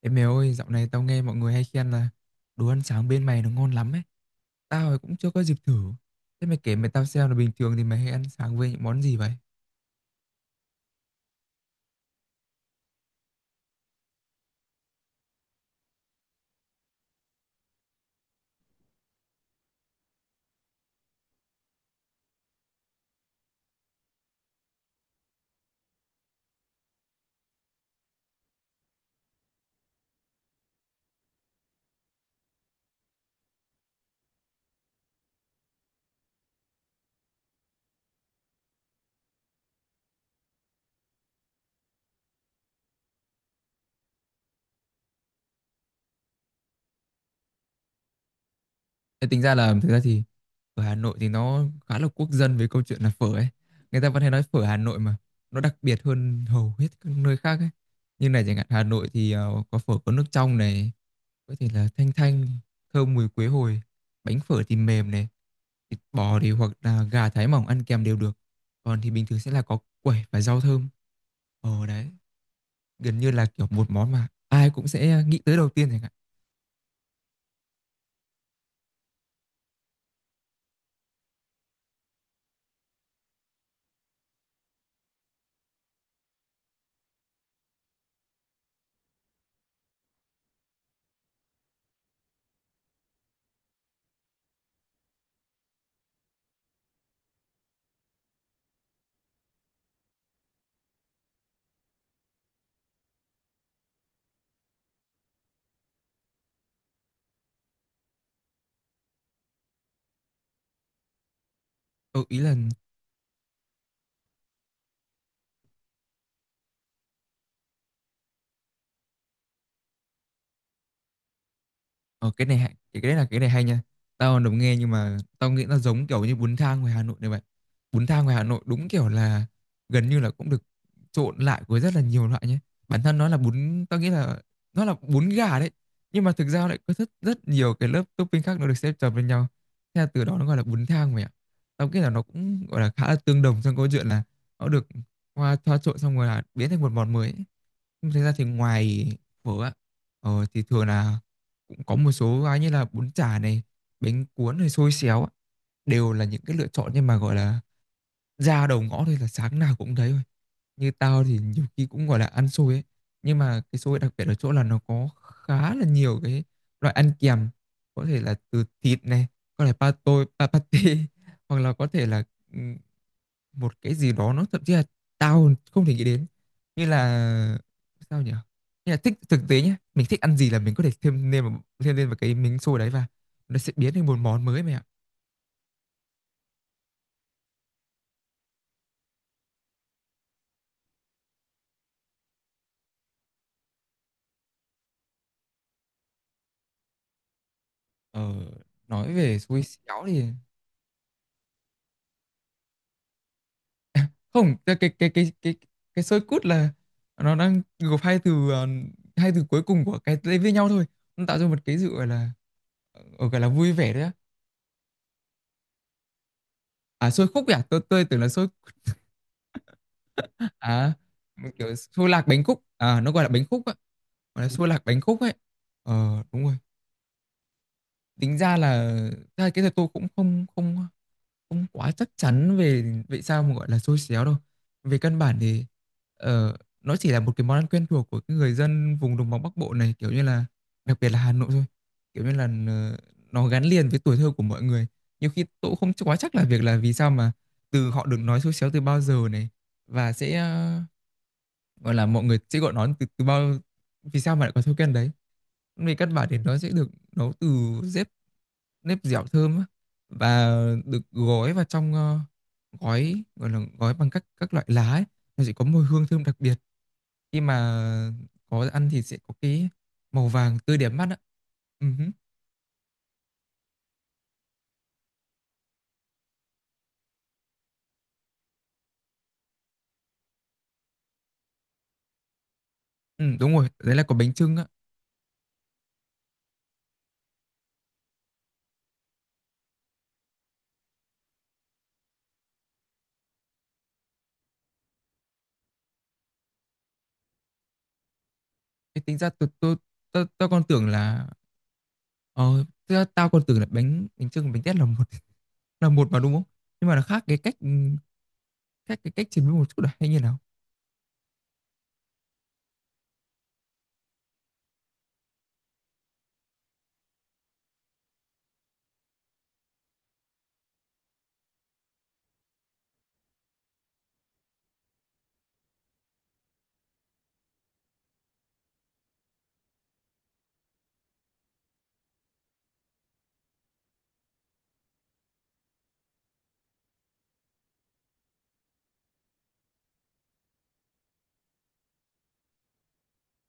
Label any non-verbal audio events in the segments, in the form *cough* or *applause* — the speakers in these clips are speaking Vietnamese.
Ê mày ơi, dạo này tao nghe mọi người hay khen là đồ ăn sáng bên mày nó ngon lắm ấy. Tao thì cũng chưa có dịp thử. Thế mày kể mày tao xem là bình thường thì mày hay ăn sáng với những món gì vậy? Ê, tính ra là thực ra thì ở Hà Nội thì nó khá là quốc dân về câu chuyện là phở ấy. Người ta vẫn hay nói phở Hà Nội mà nó đặc biệt hơn hầu hết các nơi khác ấy. Như này chẳng hạn Hà Nội thì có phở, có nước trong này, có thể là thanh thanh, thơm mùi quế hồi, bánh phở thì mềm này, thịt bò thì hoặc là gà thái mỏng ăn kèm đều được. Còn thì bình thường sẽ là có quẩy và rau thơm. Đấy, gần như là kiểu một món mà ai cũng sẽ nghĩ tới đầu tiên chẳng hạn. Ừ, ý là Cái đấy là cái này hay nha, tao đồng nghe nhưng mà tao nghĩ nó giống kiểu như bún thang ngoài Hà Nội này vậy. Bún thang ngoài Hà Nội đúng kiểu là gần như là cũng được trộn lại với rất là nhiều loại nhé, bản thân nó là bún, tao nghĩ là nó là bún gà đấy, nhưng mà thực ra lại có rất rất nhiều cái lớp topping khác nó được xếp chồng lên nhau. Thế là từ đó nó gọi là bún thang mày ạ. Tao nghĩ là nó cũng gọi là khá là tương đồng trong câu chuyện là nó được hoa thoa trộn xong rồi là biến thành một món mới ấy. Nhưng thực ra thì ngoài phở á, thì thường là cũng có một số cái như là bún chả này, bánh cuốn này, xôi xéo á, đều là những cái lựa chọn, nhưng mà gọi là ra đầu ngõ thôi là sáng nào cũng thấy thôi. Như tao thì nhiều khi cũng gọi là ăn xôi ấy, nhưng mà cái xôi đặc biệt ở chỗ là nó có khá là nhiều cái loại ăn kèm, có thể là từ thịt này, có thể pa tôi, pa pate, *laughs* hoặc là có thể là một cái gì đó nó thậm chí là tao không thể nghĩ đến, như là sao nhỉ, như là thích thực tế nhé, mình thích ăn gì là mình có thể thêm lên vào, cái miếng xôi đấy và nó sẽ biến thành một món mới mẹ ạ. Ờ, nói về xôi xéo thì, không, cái xôi cút là nó đang gộp hai từ, hai từ cuối cùng của cái tên với nhau thôi, nó tạo ra một cái sự gọi là, gọi là vui vẻ đấy á. À, xôi khúc ấy à? Tôi tưởng là xôi, à, một kiểu xôi lạc bánh khúc, à, nó gọi là bánh khúc á. Gọi là xua lạc bánh khúc ấy. Ờ đúng rồi. Tính ra là cái thật, tôi cũng không không không quá chắc chắn về vậy sao mà gọi là xôi xéo đâu. Về căn bản thì nó chỉ là một cái món ăn quen thuộc của cái người dân vùng đồng bằng Bắc Bộ này, kiểu như là đặc biệt là Hà Nội thôi. Kiểu như là nó gắn liền với tuổi thơ của mọi người. Nhiều khi tôi cũng không quá chắc là việc là vì sao mà từ họ được nói xôi xéo từ bao giờ này, và sẽ gọi là mọi người sẽ gọi nó từ từ bao, vì sao mà lại có thói quen đấy. Về căn bản thì nó sẽ được nấu từ nếp, nếp dẻo thơm á, và được gói vào trong, gói gọi là gói bằng các loại lá ấy. Nó sẽ có mùi hương thơm đặc biệt khi mà có ăn thì sẽ có cái màu vàng tươi đẹp mắt á. Ừ, hứ. Ừ, đúng rồi, đấy là có bánh chưng á. Thế tính ra tôi còn tưởng là, ờ thực ra tao còn tưởng là bánh bánh chưng và bánh tét là một, *laughs* là một mà đúng không? Nhưng mà nó khác cái cách chế biến một chút là hay như nào?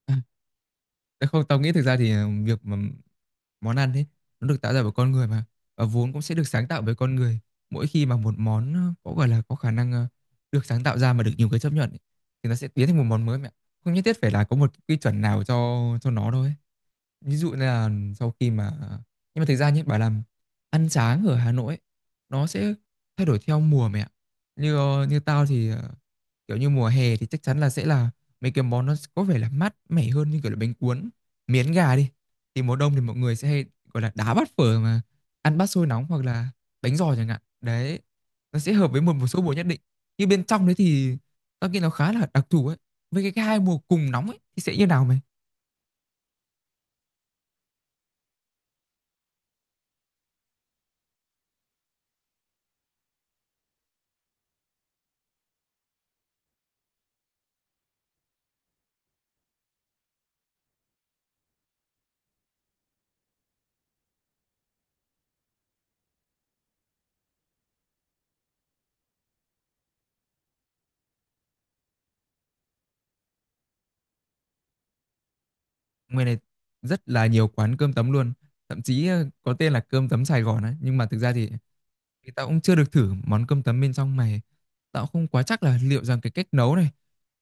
À. Đấy. Không, tao nghĩ thực ra thì, việc mà món ăn ấy nó được tạo ra bởi con người mà, và vốn cũng sẽ được sáng tạo bởi con người, mỗi khi mà một món, có gọi là có khả năng, được sáng tạo ra mà được nhiều người chấp nhận ấy, thì nó sẽ biến thành một món mới mẹ ạ. Không nhất thiết phải là có một quy chuẩn nào cho nó đâu ấy. Ví dụ như là sau khi mà, nhưng mà thực ra nhé, bảo làm ăn sáng ở Hà Nội ấy, nó sẽ thay đổi theo mùa mày ạ. Như tao thì, kiểu như, mùa hè thì chắc chắn là sẽ là mấy cái món nó có vẻ là mát mẻ hơn như kiểu là bánh cuốn, miến gà đi. Thì mùa đông thì mọi người sẽ hay, gọi là, đá bát phở mà ăn bát xôi nóng hoặc là bánh giò chẳng hạn. Đấy, nó sẽ hợp với một một số mùa nhất định. Nhưng bên trong đấy thì tao nghĩ nó khá là đặc thù ấy. Với cái hai mùa cùng nóng ấy thì sẽ như nào mày? Ngoài này rất là nhiều quán cơm tấm luôn. Thậm chí có tên là cơm tấm Sài Gòn ấy. Nhưng mà thực ra thì, tao cũng chưa được thử món cơm tấm bên trong này. Tao cũng không quá chắc là liệu rằng cái cách nấu này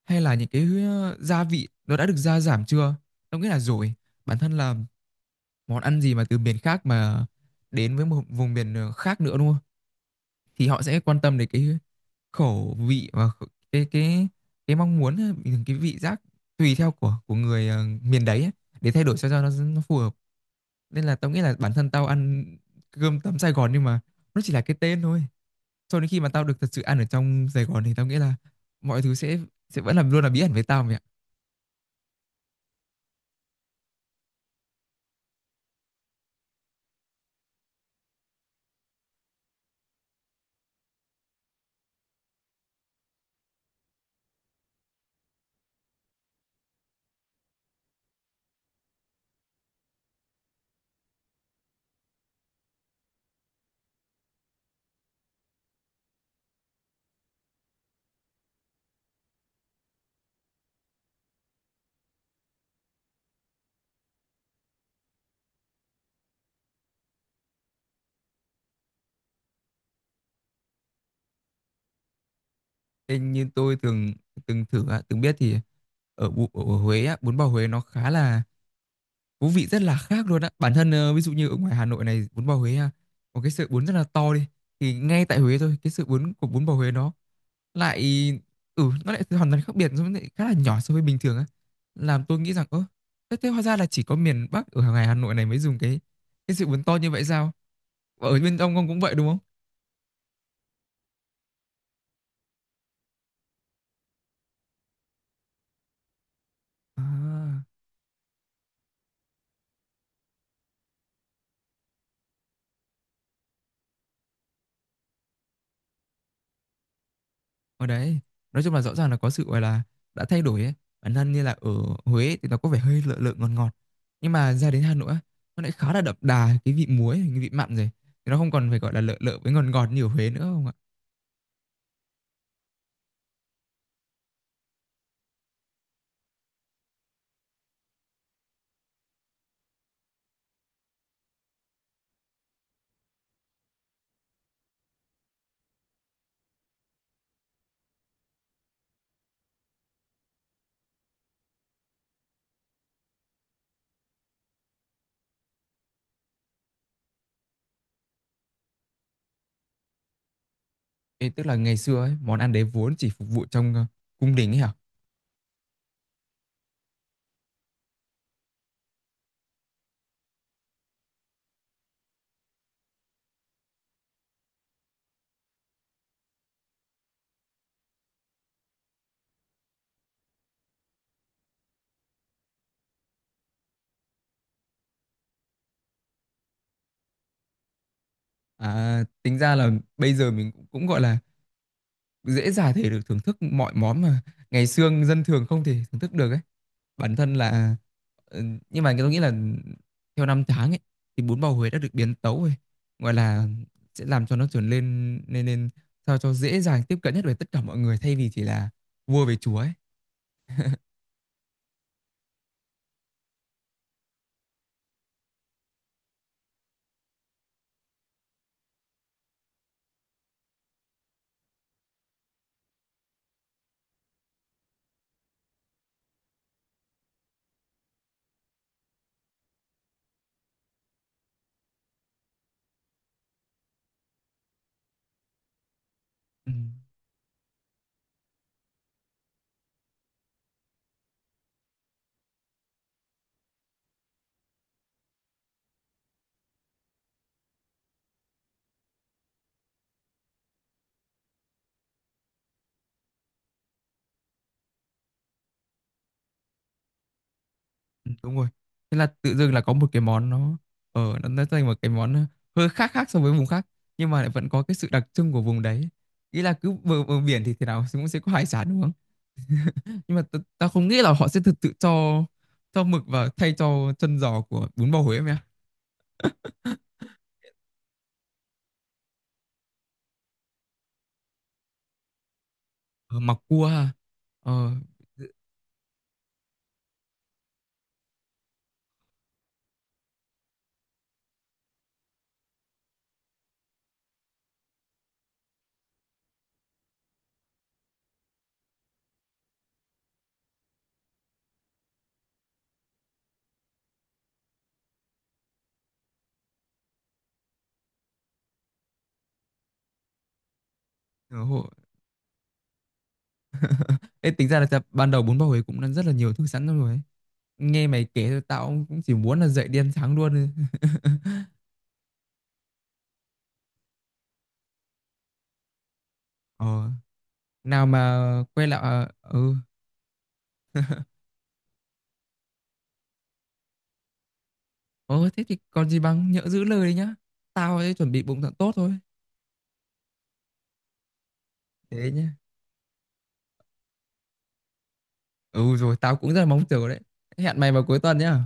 hay là những cái, gia vị nó đã được gia giảm chưa. Tao nghĩ là rồi. Bản thân là món ăn gì mà từ miền khác mà đến với một vùng miền, khác nữa đúng không? Thì họ sẽ quan tâm đến cái khẩu vị và cái mong muốn, cái vị giác tùy theo của người, miền đấy ấy, để thay đổi sao cho nó phù hợp, nên là tao nghĩ là bản thân tao ăn cơm tấm Sài Gòn nhưng mà nó chỉ là cái tên thôi, cho đến khi mà tao được thật sự ăn ở trong Sài Gòn thì tao nghĩ là mọi thứ sẽ vẫn làm luôn là bí ẩn với tao mẹ ạ. Thế như tôi từng, từng thử á, từng biết thì ở, ở Huế á, bún bò Huế nó khá là thú vị, rất là khác luôn á, bản thân, ví dụ như ở ngoài Hà Nội này bún bò Huế á, có cái sợi bún rất là to đi, thì ngay tại Huế thôi cái sợi bún của bún bò Huế nó lại, nó lại hoàn toàn khác biệt, nó lại khá là nhỏ so với bình thường á, làm tôi nghĩ rằng thế hóa ra là chỉ có miền Bắc ở ngoài Hà Nội này mới dùng cái sự bún to như vậy sao. Và ở bên ông cũng vậy đúng không? À, ở đấy, nói chung là rõ ràng là có sự gọi là đã thay đổi ấy, bản thân như là ở Huế thì nó có vẻ hơi lợ lợ ngọt ngọt, nhưng mà ra đến Hà Nội á, nó lại khá là đậm đà cái vị muối cái vị mặn rồi, thì nó không còn phải gọi là lợ lợ với ngọt ngọt như ở Huế nữa, không ạ? Ê, tức là ngày xưa ấy, món ăn đấy vốn chỉ phục vụ trong, cung đình ấy hả? À, tính ra là bây giờ mình cũng cũng, gọi là, dễ dàng thể được thưởng thức mọi món mà ngày xưa dân thường không thể thưởng thức được ấy. Bản thân là, ờ, nhưng mà tôi nghĩ là theo năm tháng ấy thì bún bò Huế đã được biến tấu rồi, gọi là, sẽ làm cho nó trở lên nên, sao cho dễ dàng tiếp cận nhất với tất cả mọi người, thay vì chỉ là vua về chúa ấy. Ừm. Ừ, đúng rồi, thế là tự dưng là có một cái món, nó ở nó thành một cái món, hơi khác khác so với vùng khác, nhưng mà lại vẫn có cái sự đặc trưng của vùng đấy, nghĩ là cứ bờ biển thì thế nào cũng sẽ có hải sản đúng không, nhưng mà ta không nghĩ là họ sẽ thực sự cho mực và thay cho chân giò của bún bò Huế em ạ. Ờ, mặc cua ha. Ờ. ờ, hộ- Ê, tính ra là ban đầu bún bò Huế cũng đã rất là nhiều thứ sẵn rồi ấy. Nghe mày kể thôi tao cũng cũng chỉ muốn là dậy đi ăn sáng luôn *laughs* ờ nào mà quay lại, à, ừ. Ồ thế thì còn gì bằng, nhỡ giữ lời đấy nhá. Tao ấy chuẩn bị bụng thật tốt thôi. Thế nhá. Ừ rồi tao cũng rất là mong chờ đấy. Hẹn mày vào cuối tuần nhá.